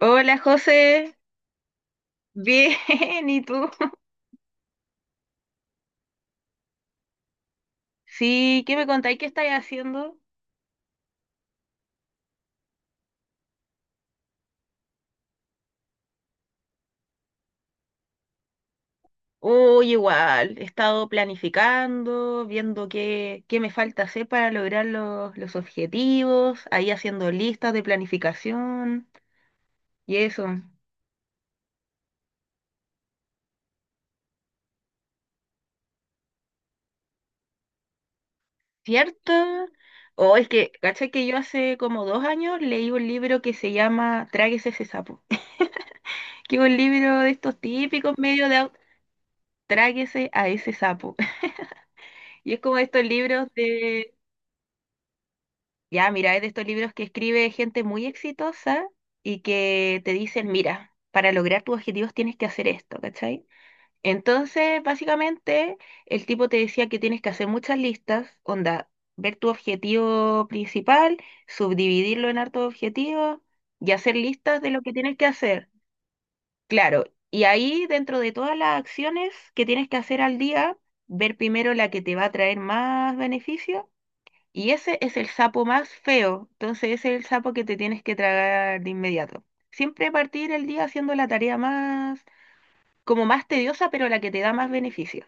Hola José, bien, ¿y tú? Sí, ¿qué me contáis? ¿Qué estáis haciendo? Oh, igual, he estado planificando, viendo qué me falta hacer para lograr los objetivos, ahí haciendo listas de planificación y eso, ¿cierto? ¿Cachai que yo hace como dos años leí un libro que se llama Tráguese ese sapo? Que es un libro de estos típicos medios de Tráguese a ese sapo. Y es como estos libros. Ya, mira, es de estos libros que escribe gente muy exitosa y que te dicen, mira, para lograr tus objetivos tienes que hacer esto, ¿cachai? Entonces, básicamente, el tipo te decía que tienes que hacer muchas listas, onda, ver tu objetivo principal, subdividirlo en hartos objetivos y hacer listas de lo que tienes que hacer. Claro, y ahí dentro de todas las acciones que tienes que hacer al día, ver primero la que te va a traer más beneficios, y ese es el sapo más feo, entonces ese es el sapo que te tienes que tragar de inmediato. Siempre partir el día haciendo la tarea más, como más tediosa, pero la que te da más beneficio.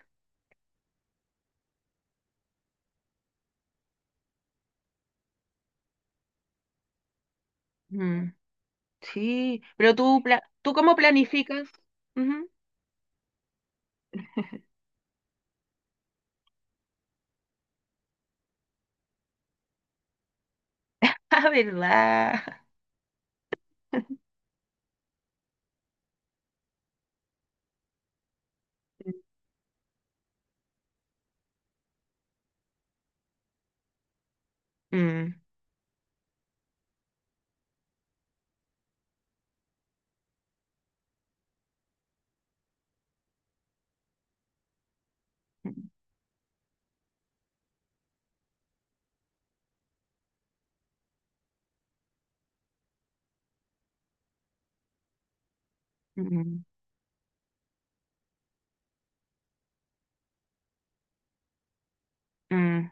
Mm, sí, pero tú, ¿tú cómo planificas? Ujú. Ah, ¿verdad? Mm, mm, mm.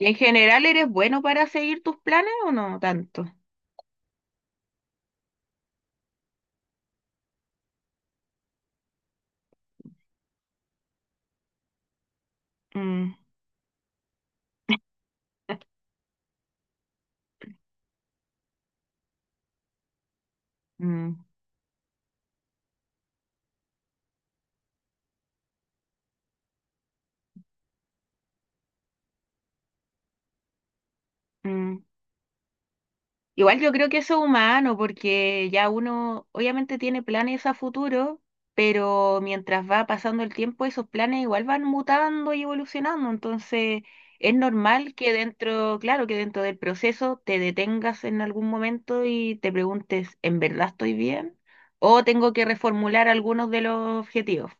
¿Y en general eres bueno para seguir tus planes o no tanto? Mm, mm, mm. Igual yo creo que eso es humano, porque ya uno obviamente tiene planes a futuro, pero mientras va pasando el tiempo, esos planes igual van mutando y evolucionando. Entonces, es normal que dentro, claro, que dentro del proceso te detengas en algún momento y te preguntes, ¿en verdad estoy bien? ¿O tengo que reformular algunos de los objetivos?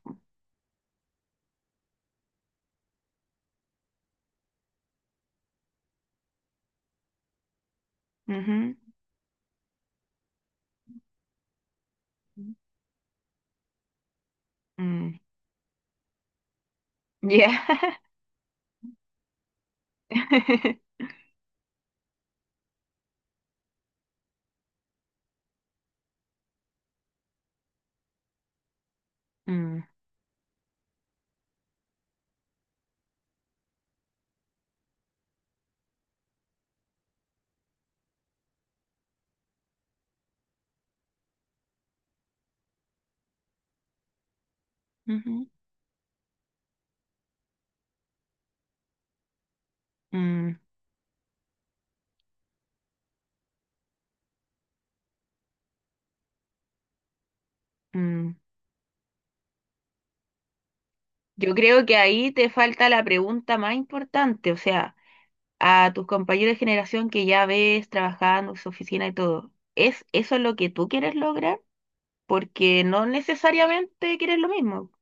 Ujú. Mm. Ya. Mm. Ujú. Mm. Mm. Yo creo que ahí te falta la pregunta más importante, o sea, a tus compañeros de generación que ya ves trabajando en su oficina y todo, ¿es eso lo que tú quieres lograr? Porque no necesariamente quieres lo mismo.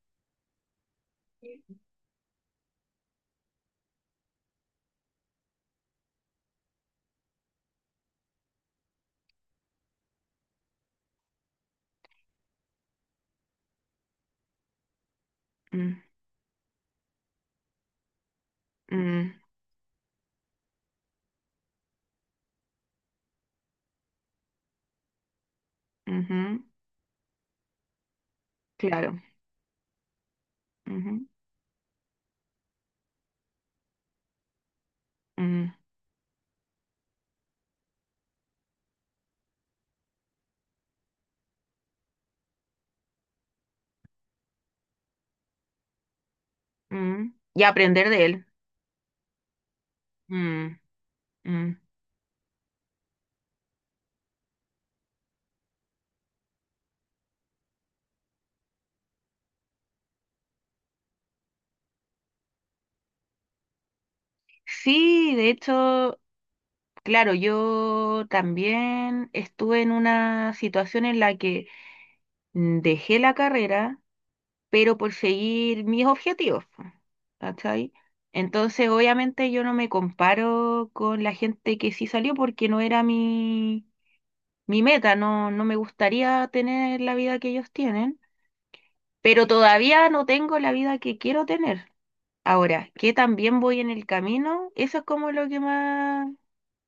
Mm, mm, ujú, claro. Ujú, mm, mm. Y aprender de él. Mm, mm. Sí, de hecho, claro, yo también estuve en una situación en la que dejé la carrera pero por seguir mis objetivos, po, ¿cachai? Entonces, obviamente yo no me comparo con la gente que sí salió porque no era mi meta, no me gustaría tener la vida que ellos tienen, pero todavía no tengo la vida que quiero tener. Ahora, que también voy en el camino, eso es como lo que más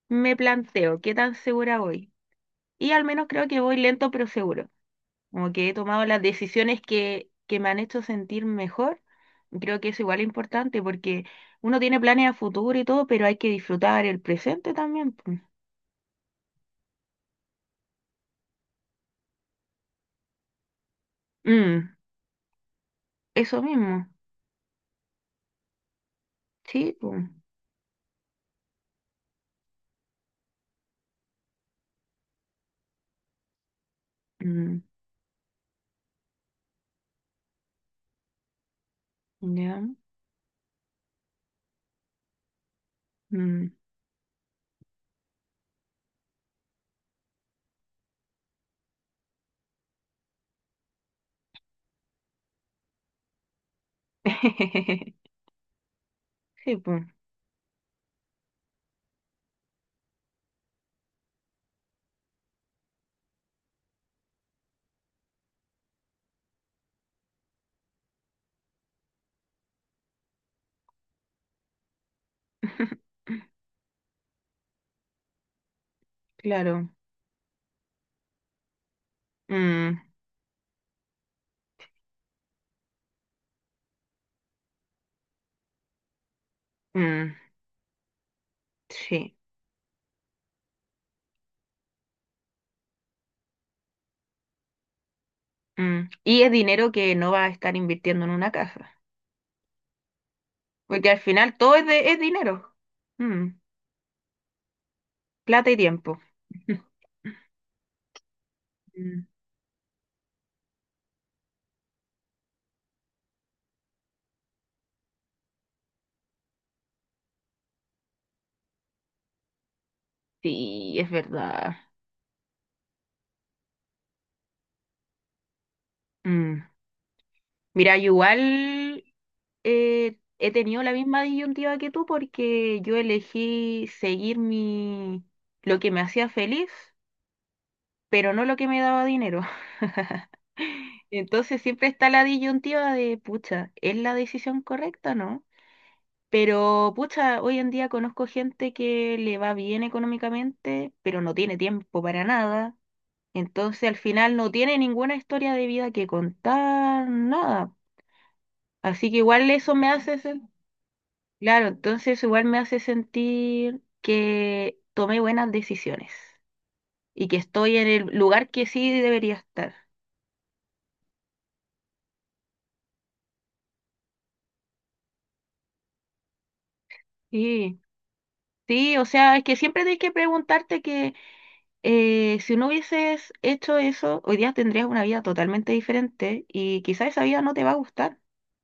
me planteo, qué tan segura voy. Y al menos creo que voy lento pero seguro. Como que he tomado las decisiones que me han hecho sentir mejor. Creo que es igual importante porque uno tiene planes a futuro y todo, pero hay que disfrutar el presente también, pues. Mm, eso mismo. Sí, pues. Mm, ya. Mm. Sí, pues. Claro. Mm, mm, sí. Mm. Y es dinero que no va a estar invirtiendo en una casa. Porque al final todo es dinero. Mm, plata y tiempo. Sí, es verdad. Mm. Mira, yo igual he tenido la misma disyuntiva que tú porque yo elegí seguir mi lo que me hacía feliz, pero no lo que me daba dinero. Entonces siempre está la disyuntiva de, pucha, ¿es la decisión correcta o no? Pero, pucha, hoy en día conozco gente que le va bien económicamente, pero no tiene tiempo para nada. Entonces al final no tiene ninguna historia de vida que contar, nada. Así que igual eso me hace claro, entonces igual me hace sentir que tomé buenas decisiones y que estoy en el lugar que sí debería estar. Sí, sí, o sea, es que siempre tienes que preguntarte que si no hubieses hecho eso, hoy día tendrías una vida totalmente diferente y quizás esa vida no te va a gustar.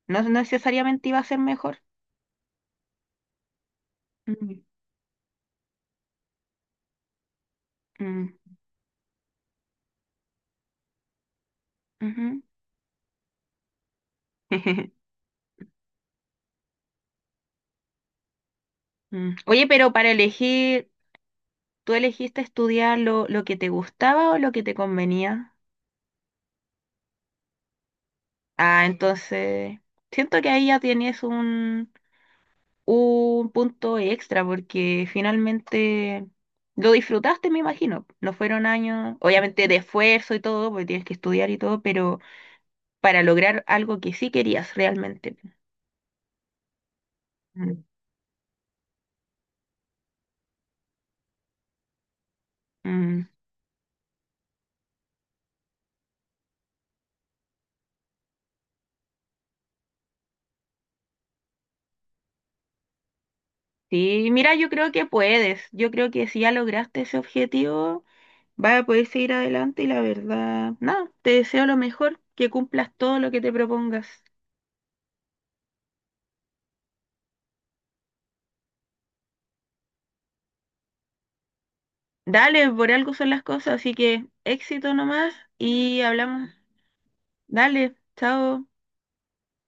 No necesariamente iba a ser mejor. Mm, mm, ujú. Mm. Oye, pero para elegir, ¿tú elegiste estudiar lo que te gustaba o lo que te convenía? Ah, entonces, siento que ahí ya tienes un punto extra porque finalmente lo disfrutaste, me imagino. No fueron años, obviamente de esfuerzo y todo, porque tienes que estudiar y todo, pero para lograr algo que sí querías realmente. Mm. Mm. Sí, mira, yo creo que puedes. Yo creo que si ya lograste ese objetivo vas a poder seguir adelante y la verdad, nada, te deseo lo mejor, que cumplas todo lo que te propongas. Dale, por algo son las cosas, así que éxito nomás y hablamos. Dale, chao.